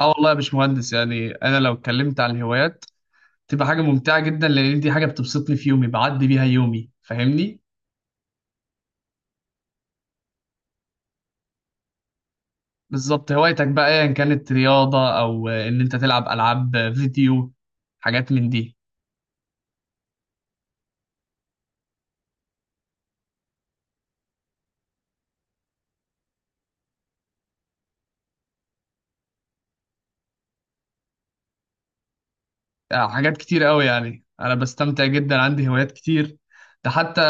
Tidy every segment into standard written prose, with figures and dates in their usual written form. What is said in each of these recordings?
اه والله يا باشمهندس، يعني انا لو اتكلمت عن الهوايات تبقى حاجه ممتعه جدا، لان دي حاجه بتبسطني في يومي، بعدي بيها يومي، فاهمني. بالظبط، هوايتك بقى ايا كانت رياضه او ان انت تلعب العاب فيديو، حاجات من دي. حاجات كتير قوي، يعني انا بستمتع جدا، عندي هوايات كتير. ده حتى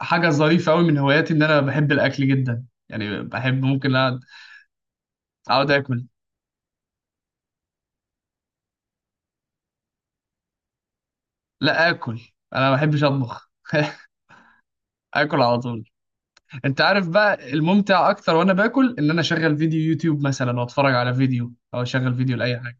حاجه ظريفه قوي من هواياتي ان انا بحب الاكل جدا، يعني بحب ممكن اقعد أقعد اكل. لا اكل، انا ما بحبش اطبخ اكل على طول. انت عارف بقى الممتع اكتر وانا باكل؟ ان انا اشغل فيديو يوتيوب مثلا واتفرج على فيديو، او اشغل فيديو لاي حاجه.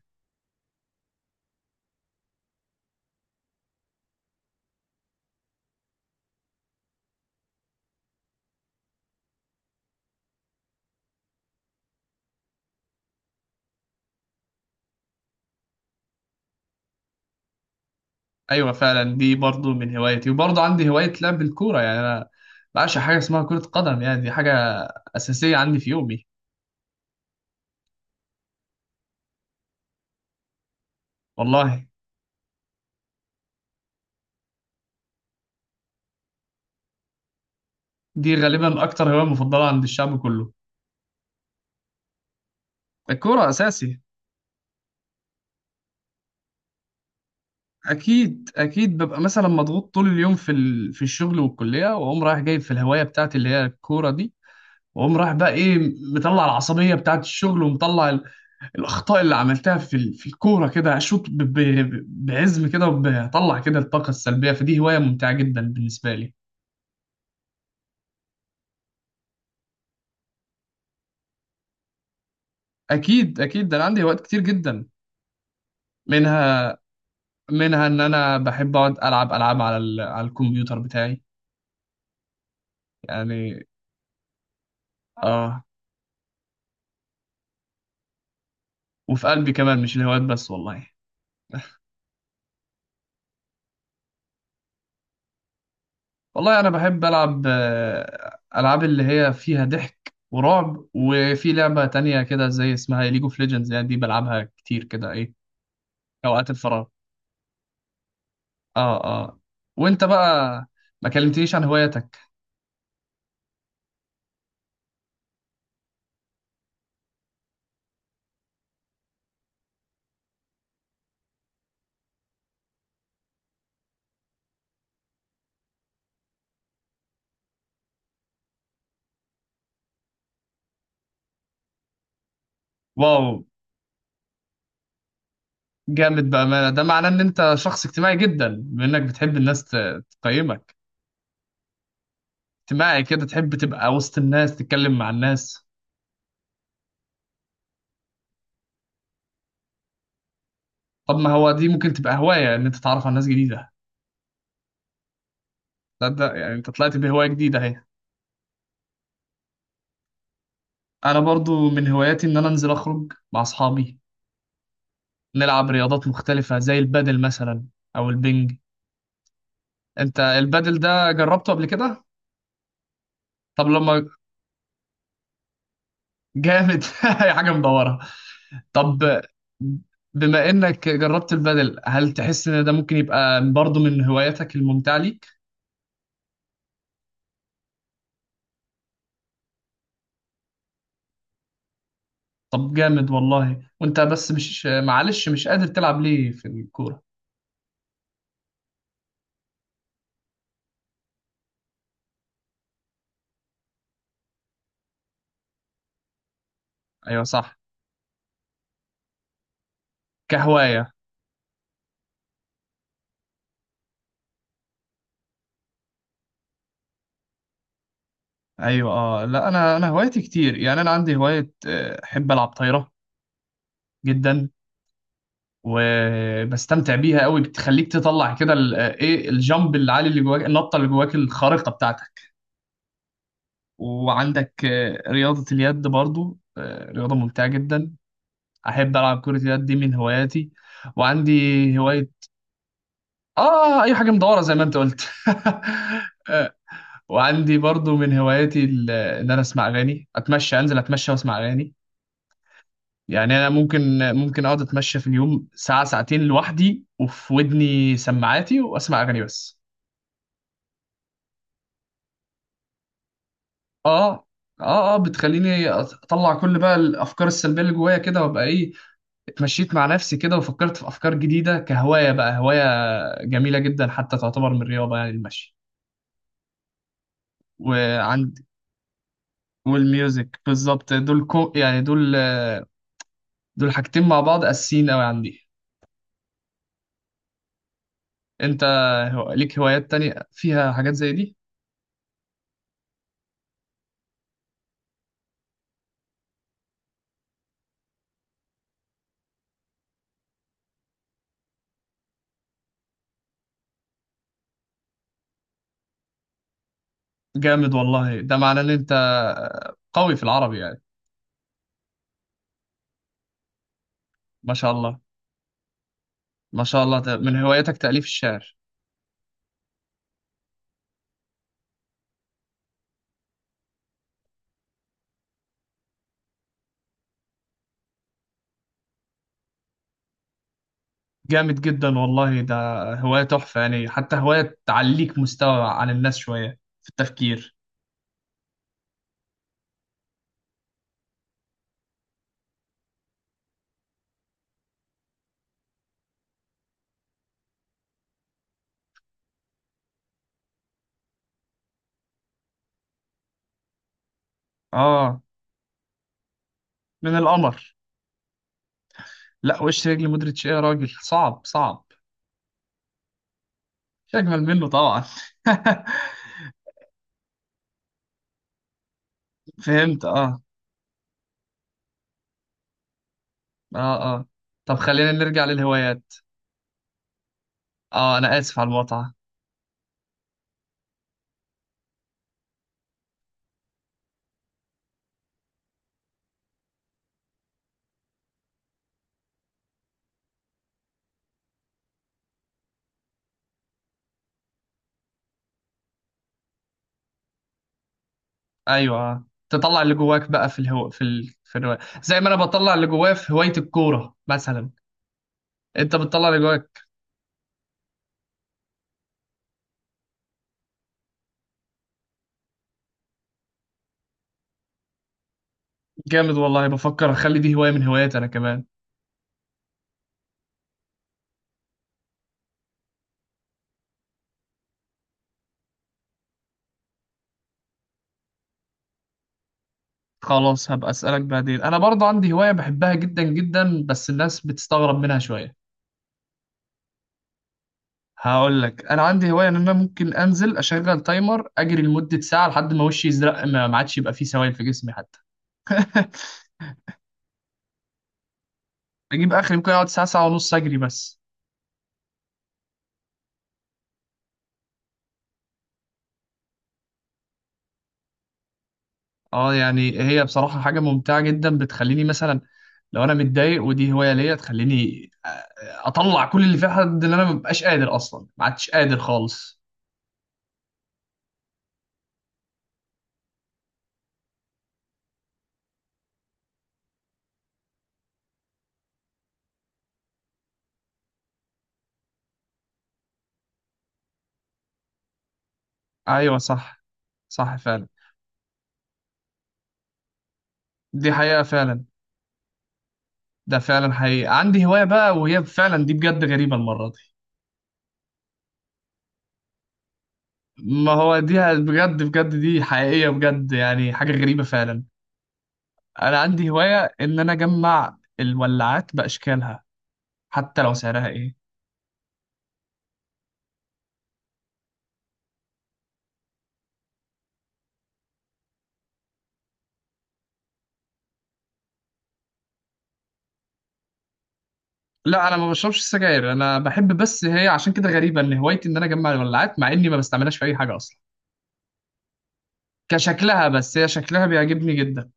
ايوه فعلا، دي برضو من هوايتي، وبرضو عندي هوايه لعب الكوره، يعني انا بعشق حاجه اسمها كره قدم، يعني دي حاجه اساسيه عندي في يومي. والله دي غالبا اكتر هوايه مفضله عند الشعب كله، الكوره اساسي. اكيد اكيد، ببقى مثلا مضغوط طول اليوم في الشغل والكليه، واقوم رايح جايب في الهوايه بتاعتي اللي هي الكوره دي، واقوم رايح بقى ايه، مطلع العصبيه بتاعت الشغل، ومطلع الاخطاء اللي عملتها في الكوره، كده اشوط بعزم كده، وبطلع كده الطاقه السلبيه، فدي هوايه ممتعه جدا بالنسبه لي. اكيد اكيد، ده انا عندي هوايات كتير جدا. منها، منها ان انا بحب اقعد العب العاب على الكمبيوتر بتاعي. يعني اه. وفي قلبي كمان مش الهوايات بس والله. والله انا بحب العب العاب اللي هي فيها ضحك ورعب، وفي لعبه تانية كده زي اسمها ليج اوف ليجندز، يعني دي بلعبها كتير كده ايه اوقات الفراغ. اه اه. وانت بقى ما كلمتنيش عن هواياتك. واو، جامد بأمانة. ده معناه ان انت شخص اجتماعي جدا، بانك بتحب الناس تقيمك، اجتماعي كده، تحب تبقى وسط الناس، تتكلم مع الناس. طب ما هو دي ممكن تبقى هواية، ان انت تتعرف على ناس جديدة. ده يعني انت طلعت بهواية جديدة اهي. انا برضو من هواياتي ان انا انزل اخرج مع اصحابي، نلعب رياضات مختلفة زي البادل مثلا او البنج. انت البادل ده جربته قبل كده؟ طب لما جامد هي حاجة مدورة. طب بما انك جربت البادل، هل تحس ان ده ممكن يبقى برضه من هواياتك الممتعة ليك؟ طب جامد والله. وانت بس، مش معلش، مش قادر تلعب ليه في الكورة؟ ايوه صح. كهواية. ايوه اه. لا انا، انا هوايتي كتير، يعني انا عندي هواية، احب العب طايرة جدا، وبستمتع بيها قوي، بتخليك تطلع كده ال- آه، ايه الجامب العالي اللي جواك، النطة اللي جواك الخارقة بتاعتك. وعندك رياضة اليد برضو، رياضة ممتعة جدا. احب العب كرة اليد، دي من هواياتي. وعندي هواية. اه اي حاجة مدورة زي ما انت قلت آه، وعندي برضو من هواياتي ان انا اسمع اغاني، اتمشى، انزل اتمشى واسمع اغاني. يعني انا ممكن، ممكن اقعد اتمشى في اليوم ساعة ساعتين لوحدي، وفي ودني سماعاتي واسمع اغاني بس. اه اه. اه بتخليني اطلع كل بقى الافكار السلبيه اللي جوايا كده، وابقى ايه، اتمشيت مع نفسي كده وفكرت في افكار جديده، كهوايه بقى، هوايه جميله جدا، حتى تعتبر من الرياضه يعني المشي. وعند، والميوزك بالظبط، دول كو يعني دول، دول حاجتين مع بعض اساسيين قوي عندي. انت ليك هوايات تانية فيها حاجات زي دي؟ جامد والله. ده معناه ان انت قوي في العربي يعني. ما شاء الله، ما شاء الله، ده من هواياتك تأليف الشعر. جامد جدا والله، ده هواية تحفة يعني، حتى هواية تعليك مستوى عن الناس شوية في التفكير. اه، من القمر. لا، وش رجل مدرتش ايه يا راجل، صعب صعب. مش اجمل منه طبعا فهمت اه. اه اه. طب خلينا نرجع للهوايات. اه انا اسف على المقاطعه. ايوه. آه، تطلع اللي جواك بقى في الهواية. زي ما انا بطلع اللي جوايا في هوايه الكوره مثلا. انت بتطلع اللي جواك. جامد والله، بفكر اخلي دي هوايه من هواياتي انا كمان. خلاص هبقى اسالك بعدين. انا برضه عندي هوايه بحبها جدا جدا، بس الناس بتستغرب منها شويه. هقول لك، انا عندي هوايه ان انا ممكن انزل اشغل تايمر اجري لمده ساعه، لحد ما وشي يزرق، ما عادش يبقى فيه سوائل في جسمي حتى بجيب اخر، ممكن اقعد ساعه، ساعه ونص اجري بس. اه يعني هي بصراحه حاجه ممتعه جدا، بتخليني مثلا لو انا متضايق، ودي هوايه ليا تخليني، اطلع كل اللي في حد، اللي انا مبقاش قادر اصلا، ما عدتش قادر خالص. ايوه صح، صح فعلا. دي حقيقه فعلا، ده فعلا حقيقه. عندي هوايه بقى، وهي فعلا دي بجد غريبه المره دي. ما هو دي بجد بجد، دي حقيقيه بجد، يعني حاجه غريبه فعلا. انا عندي هوايه ان انا اجمع الولاعات باشكالها، حتى لو سعرها ايه. لا انا ما بشربش سجاير، انا بحب بس، هي عشان كده غريبه، ان هوايتي ان انا اجمع الولاعات مع اني ما بستعملهاش في اي حاجه اصلا. كشكلها بس، هي شكلها بيعجبني جدا.